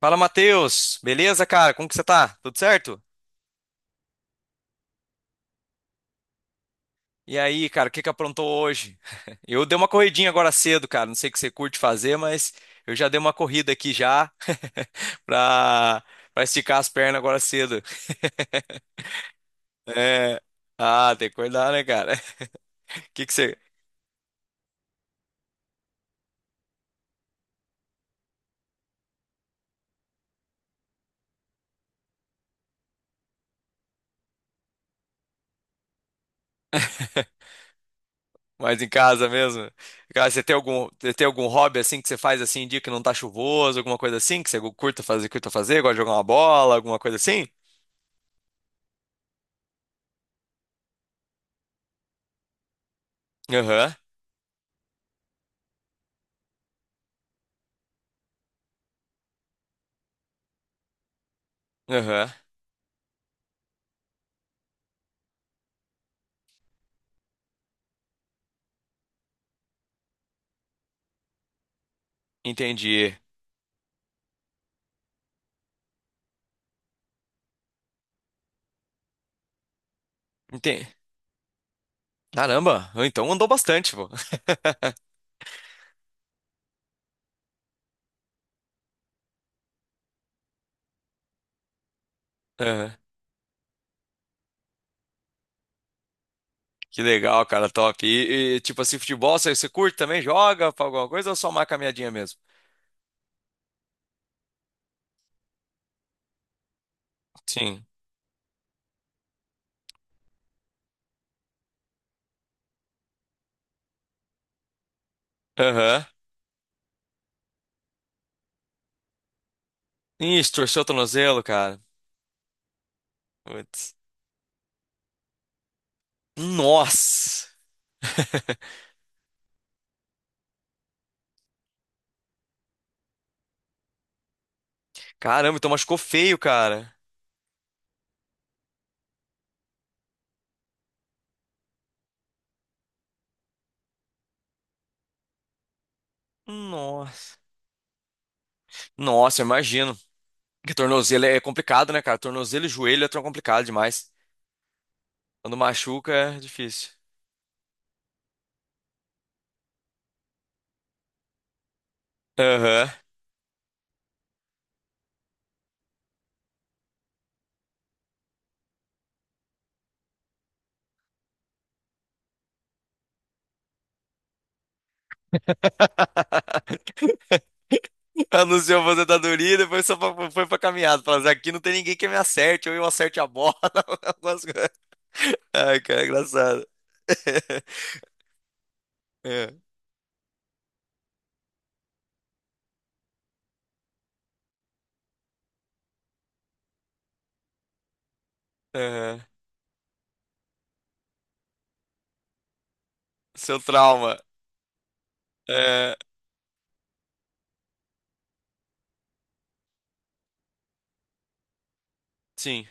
Fala, Matheus. Beleza, cara? Como que você tá? Tudo certo? E aí, cara, o que que aprontou hoje? Eu dei uma corridinha agora cedo, cara. Não sei o que você curte fazer, mas eu já dei uma corrida aqui já pra, pra esticar as pernas agora cedo. É. Ah, tem que cuidar, né, cara? O que que você... Mais em casa mesmo? Cara, você tem algum hobby assim que você faz assim em dia que não tá chuvoso, alguma coisa assim que você curta fazer, gosta de jogar uma bola, alguma coisa assim? Aham, aham. Entendi. Entendi. Caramba, então andou bastante, pô. Aham. Que legal, cara, top. Tipo assim, futebol, você curte também? Joga pra alguma coisa ou só uma caminhadinha mesmo? Sim. Aham. Ih, torceu o tornozelo, cara. Putz. Nossa! Caramba, então machucou feio, cara. Nossa. Nossa, eu imagino. Porque tornozelo é complicado, né, cara? Tornozelo e joelho é tão complicado demais. Quando machuca, é difícil. Aham. Anunciou a aposentadoria e depois foi pra caminhada. Falando assim, aqui não tem ninguém que me acerte, ou eu acerte a bola. algumas coisas. Ai, cara, é engraçado. É, é. Seu trauma. É, sim.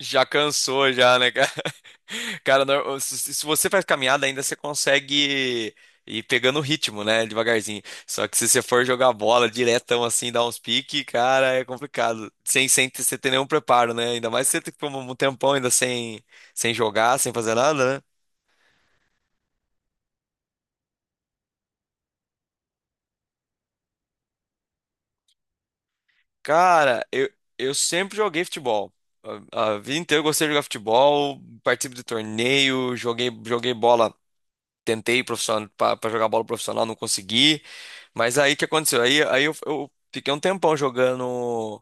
Já cansou, já, né, cara? Cara, se você faz caminhada, ainda você consegue ir pegando o ritmo, né? Devagarzinho. Só que se você for jogar bola diretão assim, dar uns piques, cara, é complicado. Sem ter nenhum preparo, né? Ainda mais se você ficou um tempão ainda sem jogar, sem fazer nada, né? Cara, eu sempre joguei futebol. A vida inteira eu gostei de jogar futebol, participo de torneio, joguei bola. Tentei profissional para jogar bola profissional, não consegui. Mas aí o que aconteceu? Aí eu fiquei um tempão jogando.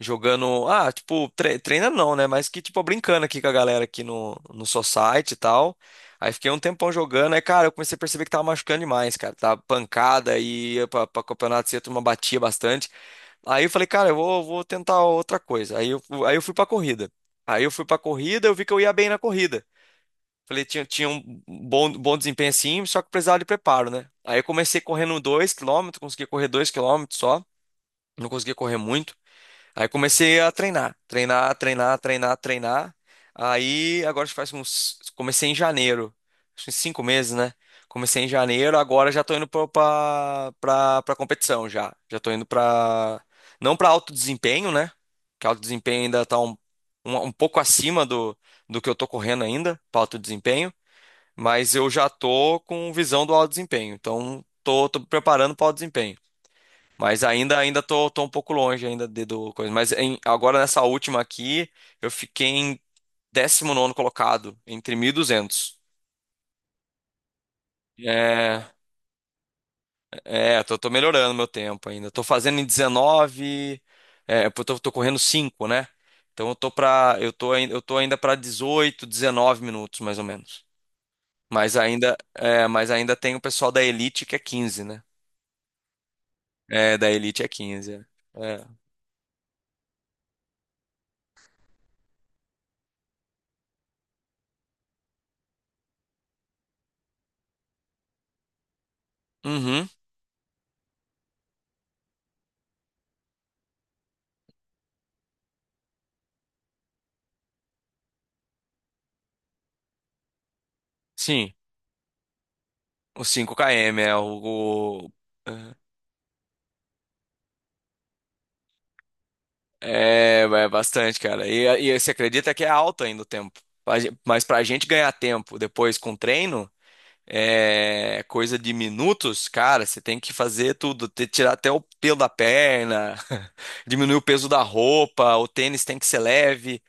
Jogando. Ah, tipo, treina não, né? Mas que, tipo, brincando aqui com a galera aqui no society e tal. Aí fiquei um tempão jogando. Aí, cara, eu comecei a perceber que tava machucando demais, cara. Tava pancada e ia pra campeonato cedo, uma batia bastante. Aí eu falei, cara, eu vou tentar outra coisa. Aí eu fui pra corrida. Aí eu fui pra corrida, eu vi que eu ia bem na corrida. Falei, tinha um bom desempenho assim, só que precisava de preparo, né? Aí eu comecei correndo 2 km consegui correr 2 km só, não conseguia correr muito. Aí comecei a treinar, treinar, treinar, treinar, treinar. Aí agora faz uns. Comecei em janeiro, acho que 5 meses, né? Comecei em janeiro, agora já tô indo pra competição já. Já tô indo pra. Não pra alto desempenho, né? Que alto desempenho ainda tá um pouco acima do que eu tô correndo ainda, pra alto desempenho mas eu já tô com visão do alto desempenho. Então, tô preparando para o alto desempenho. Mas ainda tô um pouco longe ainda de, do coisa. Mas agora nessa última aqui, eu fiquei em 19º colocado, entre 1.200. É, tô melhorando meu tempo ainda. Tô fazendo em 19, é, pô, tô correndo 5, né? Então eu tô pra, eu tô, ain- eu tô ainda para 18, 19 minutos mais ou menos. Mas ainda tem o pessoal da elite que é 15, né? É, da Elite é 15. É. É. Uhum, sim. O 5 km é É, é bastante, cara. E você acredita que é alto ainda o tempo. Mas pra gente ganhar tempo depois com treino, é coisa de minutos, cara, você tem que fazer tudo. Tirar até o pelo da perna, diminuir o peso da roupa, o tênis tem que ser leve.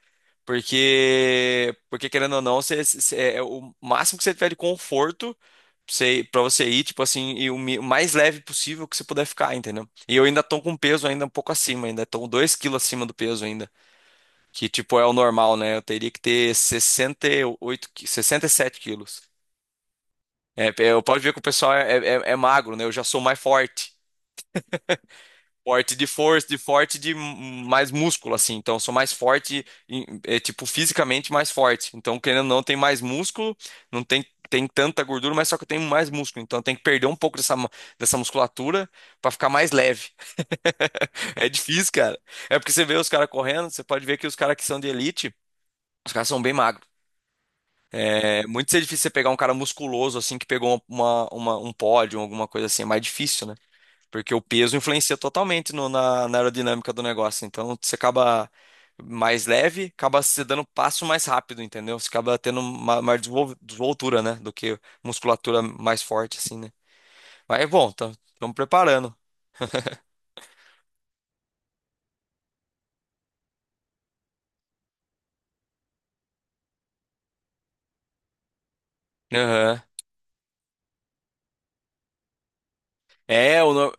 Porque querendo ou não, é o máximo que você tiver de conforto pra você ir, tipo assim, e o mais leve possível que você puder ficar, entendeu? E eu ainda tô com peso ainda um pouco acima, ainda tô 2 quilos acima do peso ainda. Que, tipo, é o normal, né? Eu teria que ter 68, 67 quilos. É, eu posso ver que o pessoal é magro, né? Eu já sou mais forte. Forte de força, de forte de mais músculo, assim. Então, eu sou mais forte, é, tipo, fisicamente mais forte. Então, querendo ou não, tem mais músculo, não tem tanta gordura, mas só que eu tenho mais músculo. Então, eu tenho que perder um pouco dessa musculatura pra ficar mais leve. É difícil, cara. É porque você vê os caras correndo, você pode ver que os caras que são de elite, os caras são bem magros. É muito difícil você pegar um cara musculoso, assim, que pegou um pódio, alguma coisa assim. É mais difícil, né? Porque o peso influencia totalmente na aerodinâmica do negócio. Então você acaba mais leve, acaba se dando passo mais rápido, entendeu? Você acaba tendo uma maior desenvoltura, né? Do que musculatura mais forte, assim, né? Mas é bom, estamos preparando. Aham. É, o no-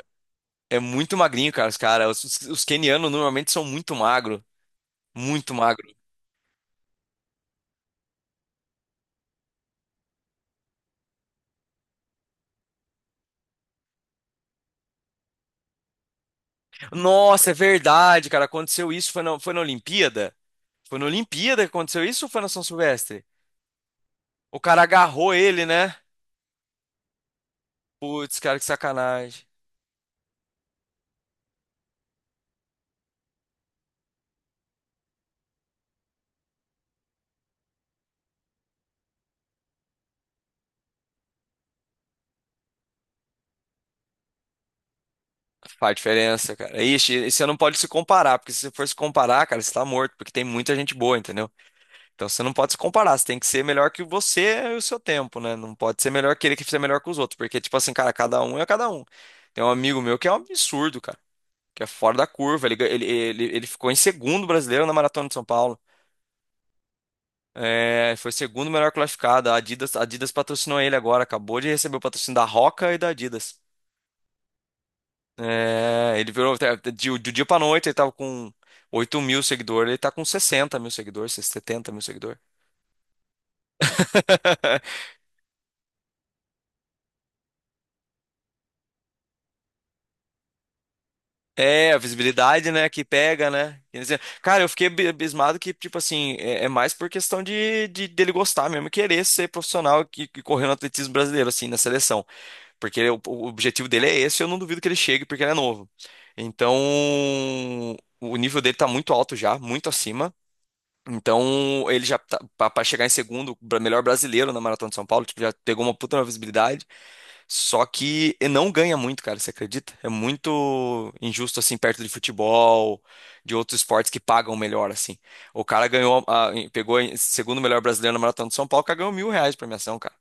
é muito magrinho, cara, os cara. Os quenianos normalmente são muito magro, muito magro. Nossa, é verdade, cara. Aconteceu isso, foi na Olimpíada? Foi na Olimpíada que aconteceu isso ou foi na São Silvestre? O cara agarrou ele, né? Putz, cara, que sacanagem. Faz diferença, cara. Ixi, e você não pode se comparar, porque se você for se comparar, cara, você tá morto, porque tem muita gente boa, entendeu? Então você não pode se comparar, você tem que ser melhor que você e o seu tempo, né? Não pode ser melhor que ele que ser melhor que os outros, porque, tipo assim, cara, cada um é cada um. Tem um amigo meu que é um absurdo, cara, que é fora da curva. Ele, gan- ele ficou em segundo brasileiro na Maratona de São Paulo. É, foi segundo melhor classificado. A Adidas patrocinou ele agora, acabou de receber o patrocínio da Roca e da Adidas. É, ele virou de um dia pra noite, ele tava com 8 mil seguidores, ele tá com 60 mil seguidores, 70 mil seguidores. É, a visibilidade, né, que pega, né? Quer dizer, cara, eu fiquei abismado que, tipo assim, é mais por questão de, dele gostar mesmo, e querer ser profissional que correu no atletismo brasileiro, assim, na seleção. Porque o objetivo dele é esse, eu não duvido que ele chegue, porque ele é novo. Então, o nível dele tá muito alto já, muito acima. Então, ele já tá, para chegar em segundo, melhor brasileiro na Maratona de São Paulo, tipo, já pegou uma puta uma visibilidade, só que ele não ganha muito, cara, você acredita? É muito injusto assim perto de futebol, de outros esportes que pagam melhor assim. O cara pegou em segundo melhor brasileiro na Maratona de São Paulo, o cara ganhou 1.000 reais de premiação, cara.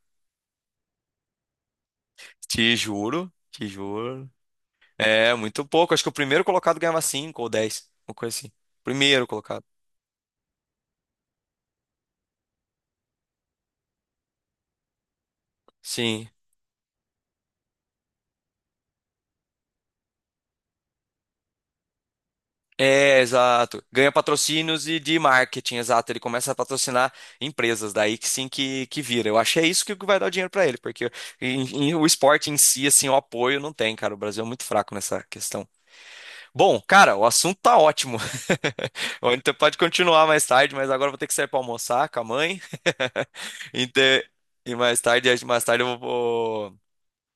Te juro, te juro. É, muito pouco. Acho que o primeiro colocado ganhava cinco ou dez, uma coisa assim. Primeiro colocado. Sim. É, exato. Ganha patrocínios e de marketing, exato. Ele começa a patrocinar empresas, daí que sim que vira. Eu acho que é isso que vai dar o dinheiro pra ele, porque em- o esporte em si, assim, o apoio não tem, cara. O Brasil é muito fraco nessa questão. Bom, cara, o assunto tá ótimo. A gente pode continuar mais tarde, mas agora eu vou ter que sair pra almoçar com a mãe. Então, e mais tarde, acho que mais tarde eu vou,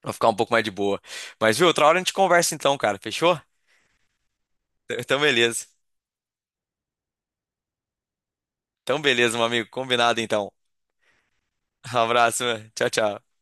vou ficar um pouco mais de boa. Mas viu, outra hora a gente conversa então, cara. Fechou? Então, beleza. Então, beleza, meu amigo. Combinado então. Um abraço, mano. Tchau, tchau.